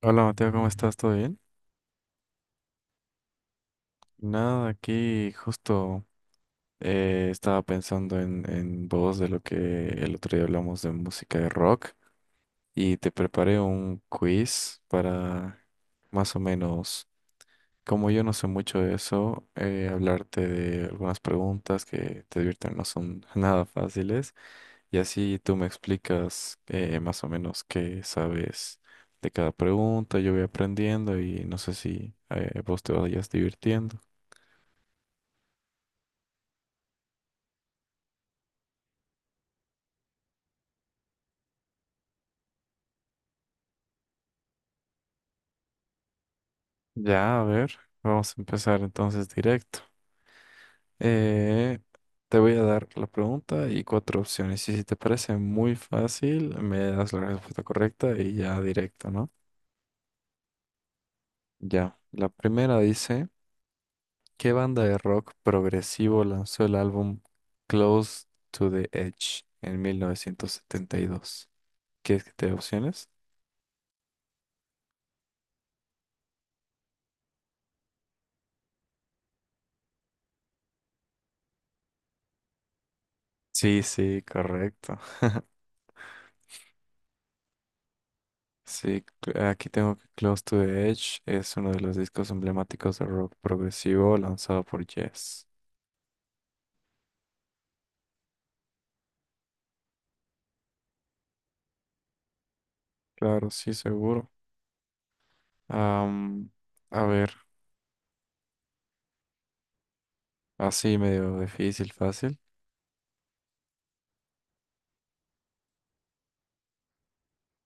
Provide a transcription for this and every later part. Hola Mateo, ¿cómo estás? ¿Todo bien? Nada, aquí justo estaba pensando en vos de lo que el otro día hablamos de música de rock y te preparé un quiz para más o menos, como yo no sé mucho de eso, hablarte de algunas preguntas que te divierten, no son nada fáciles y así tú me explicas más o menos qué sabes de cada pregunta, yo voy aprendiendo y no sé si vos te vayas divirtiendo. Ya, a ver, vamos a empezar entonces directo. Eh, te voy a dar la pregunta y cuatro opciones. Y si te parece muy fácil, me das la respuesta correcta y ya directo, ¿no? Ya, la primera dice, ¿qué banda de rock progresivo lanzó el álbum Close to the Edge en 1972? ¿Quieres que te dé opciones? Sí, sí, correcto. Sí, aquí tengo que Close to the Edge es uno de los discos emblemáticos de rock progresivo lanzado por Yes. Claro, sí, seguro. Am, a ver, así medio difícil, fácil.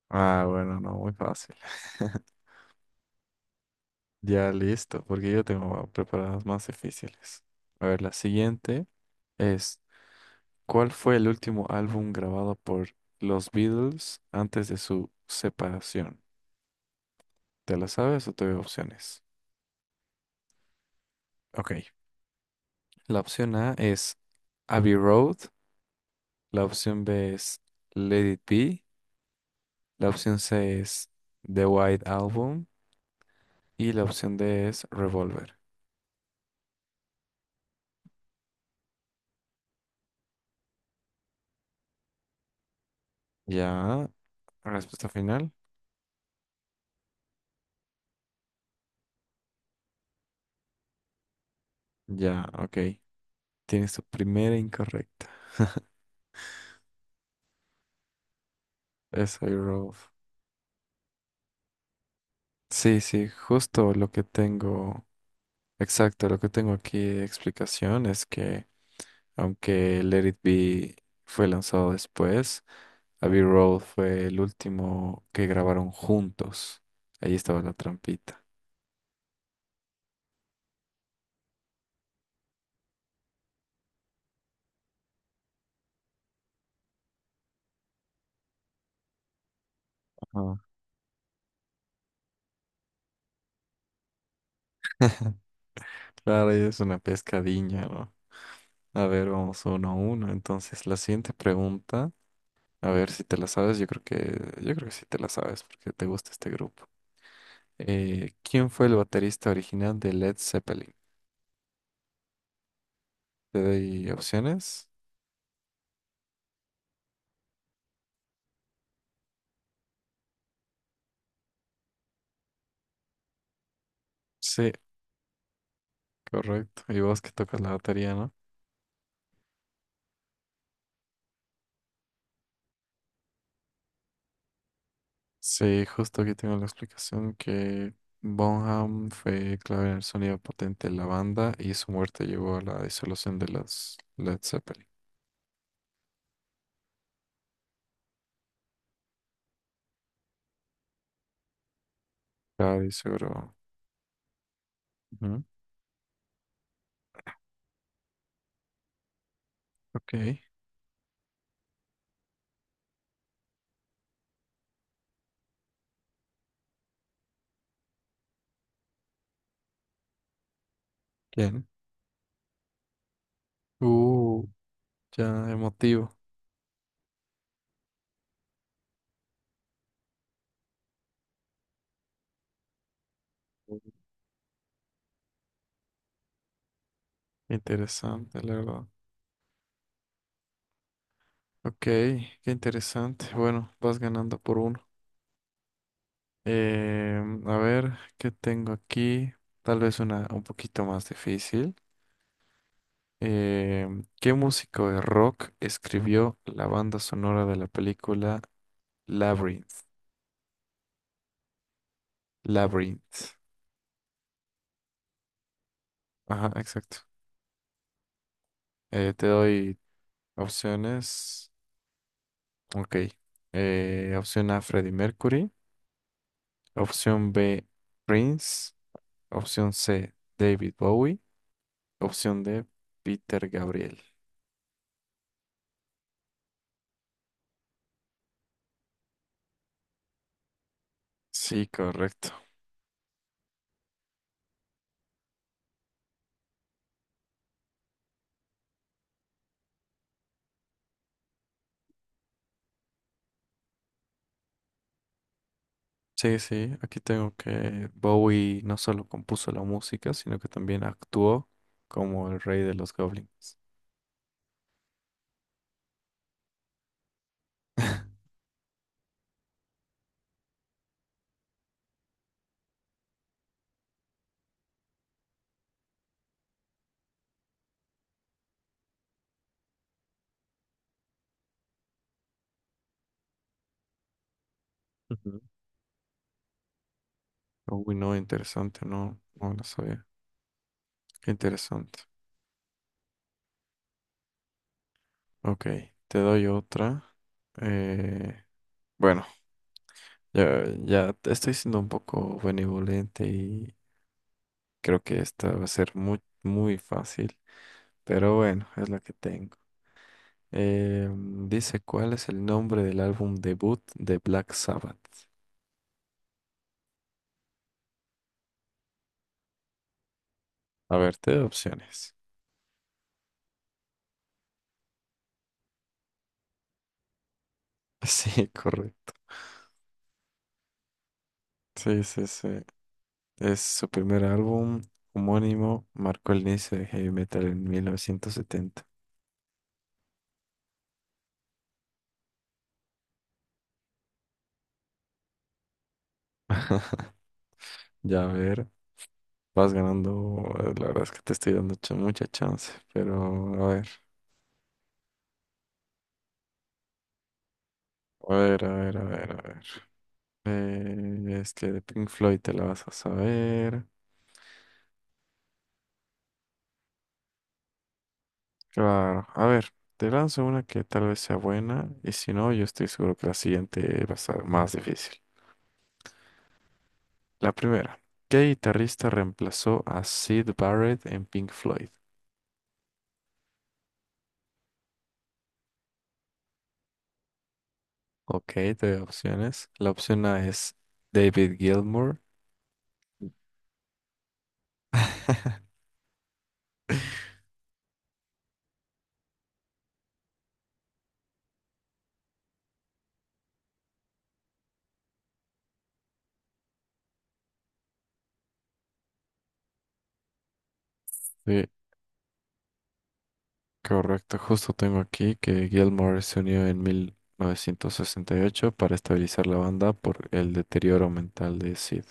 Ah, bueno, no, muy fácil. Ya listo, porque yo tengo preparadas más difíciles. A ver, la siguiente es, ¿cuál fue el último álbum grabado por los Beatles antes de su separación? ¿Te la sabes o te doy opciones? Ok. La opción A es Abbey Road, la opción B es Let It Be, la opción C es The White Album y la opción D es Revolver. Ya, respuesta final. Ya, ok. Tienes tu primera incorrecta. Es Abbey Road. Sí, sí, justo lo que tengo, exacto, lo que tengo aquí de explicación es que aunque Let It Be fue lanzado después, Abbey Road fue el último que grabaron juntos. Ahí estaba la trampita. Ajá. Claro, y es una pescadilla, ¿no? A ver, vamos uno a uno. Entonces, la siguiente pregunta, a ver si te la sabes, yo creo que sí te la sabes porque te gusta este grupo. ¿Quién fue el baterista original de Led Zeppelin? ¿Te doy opciones? Sí, correcto. Y vos que tocas la batería, ¿no? Sí, justo aquí tengo la explicación que Bonham fue clave en el sonido potente de la banda y su muerte llevó a la disolución de los Led Zeppelin. Claro, y seguro. Ujú, ok, bien. Uh, ya emotivo. Interesante, la verdad. Ok, qué interesante. Bueno, vas ganando por uno. A ver, ¿qué tengo aquí? Tal vez una un poquito más difícil. Eh, ¿Qué músico de rock escribió la banda sonora de la película Labyrinth? Labyrinth. Ajá, exacto. Te doy opciones. Ok. Opción A, Freddie Mercury. Opción B, Prince. Opción C, David Bowie. Opción D, Peter Gabriel. Sí, correcto. Sí, sí, aquí tengo que Bowie no solo compuso la música, sino que también actuó como el rey de los goblins. Ujú. Uy, no, interesante, no, no lo sabía. Qué interesante. Ok, te doy otra. Eh, bueno, ya, ya te estoy siendo un poco benevolente y creo que esta va a ser muy, muy fácil, pero bueno, es la que tengo. Eh, dice, ¿cuál es el nombre del álbum debut de Black Sabbath? A ver, te doy opciones. Sí, correcto. Sí, sí, sí. Es su primer álbum homónimo, marcó el inicio de heavy metal en 1970. Ya a ver, vas ganando, la verdad es que te estoy dando mucha chance, pero a ver, a ver, a ver, a ver, a ver. Es que de Pink Floyd te la vas a saber. Claro, a ver, te lanzo una que tal vez sea buena y si no, yo estoy seguro que la siguiente va a ser más difícil. La primera, ¿qué guitarrista reemplazó a Sid Barrett en Pink Floyd? Ok, te doy opciones. La opción A es David Gilmour. Sí, correcto. Justo tengo aquí que Gilmore se unió en 1968 para estabilizar la banda por el deterioro mental de Sid.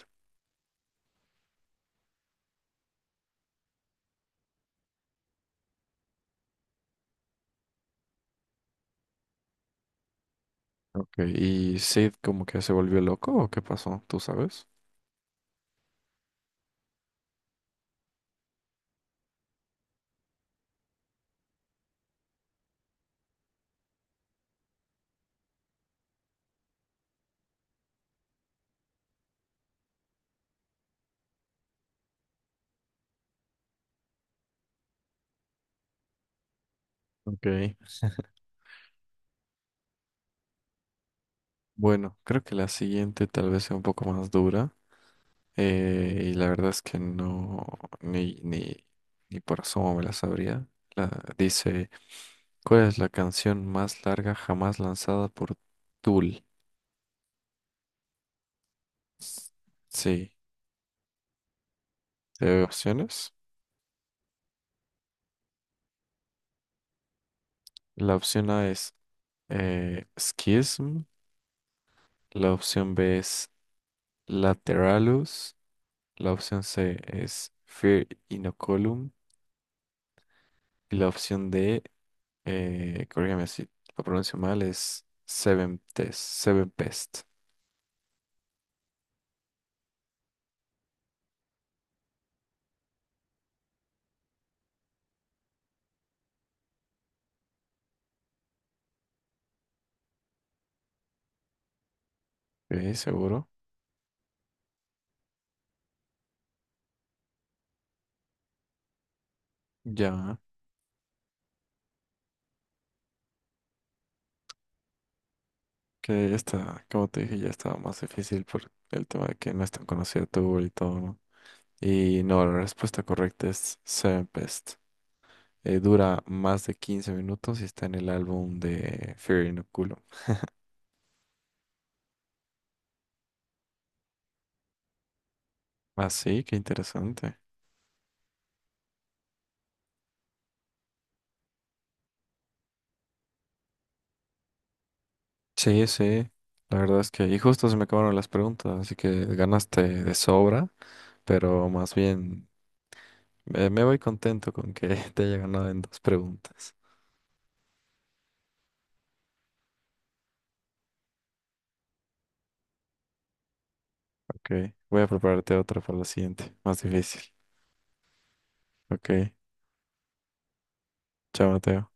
Ok, ¿y Sid como que se volvió loco o qué pasó? ¿Tú sabes? Ok, bueno, creo que la siguiente tal vez sea un poco más dura y la verdad es que no, ni, ni, ni por asomo me la sabría. La, dice... ¿Cuál es la canción más larga jamás lanzada por Tool? Sí, ¿te doy opciones? La opción A es Schism, la opción B es Lateralus, la opción C es Fear Inoculum y la opción D, corrígame si lo pronuncio mal, es Seven Test, Seven Pest. Ok, seguro. Ya, que esta, como te dije, ya estaba más difícil por el tema de que no es tan conocida Tool y todo, ¿no? Y no, la respuesta correcta es Tempest. Dura más de 15 minutos y está en el álbum de Fear Inoculum. Ah, sí, qué interesante. Sí, sí. La verdad es que, y justo se me acabaron las preguntas, así que ganaste de sobra, pero más bien me voy contento con que te haya ganado en dos preguntas. Ok, voy a prepararte otra para la siguiente, más difícil. Ok, chao, Mateo.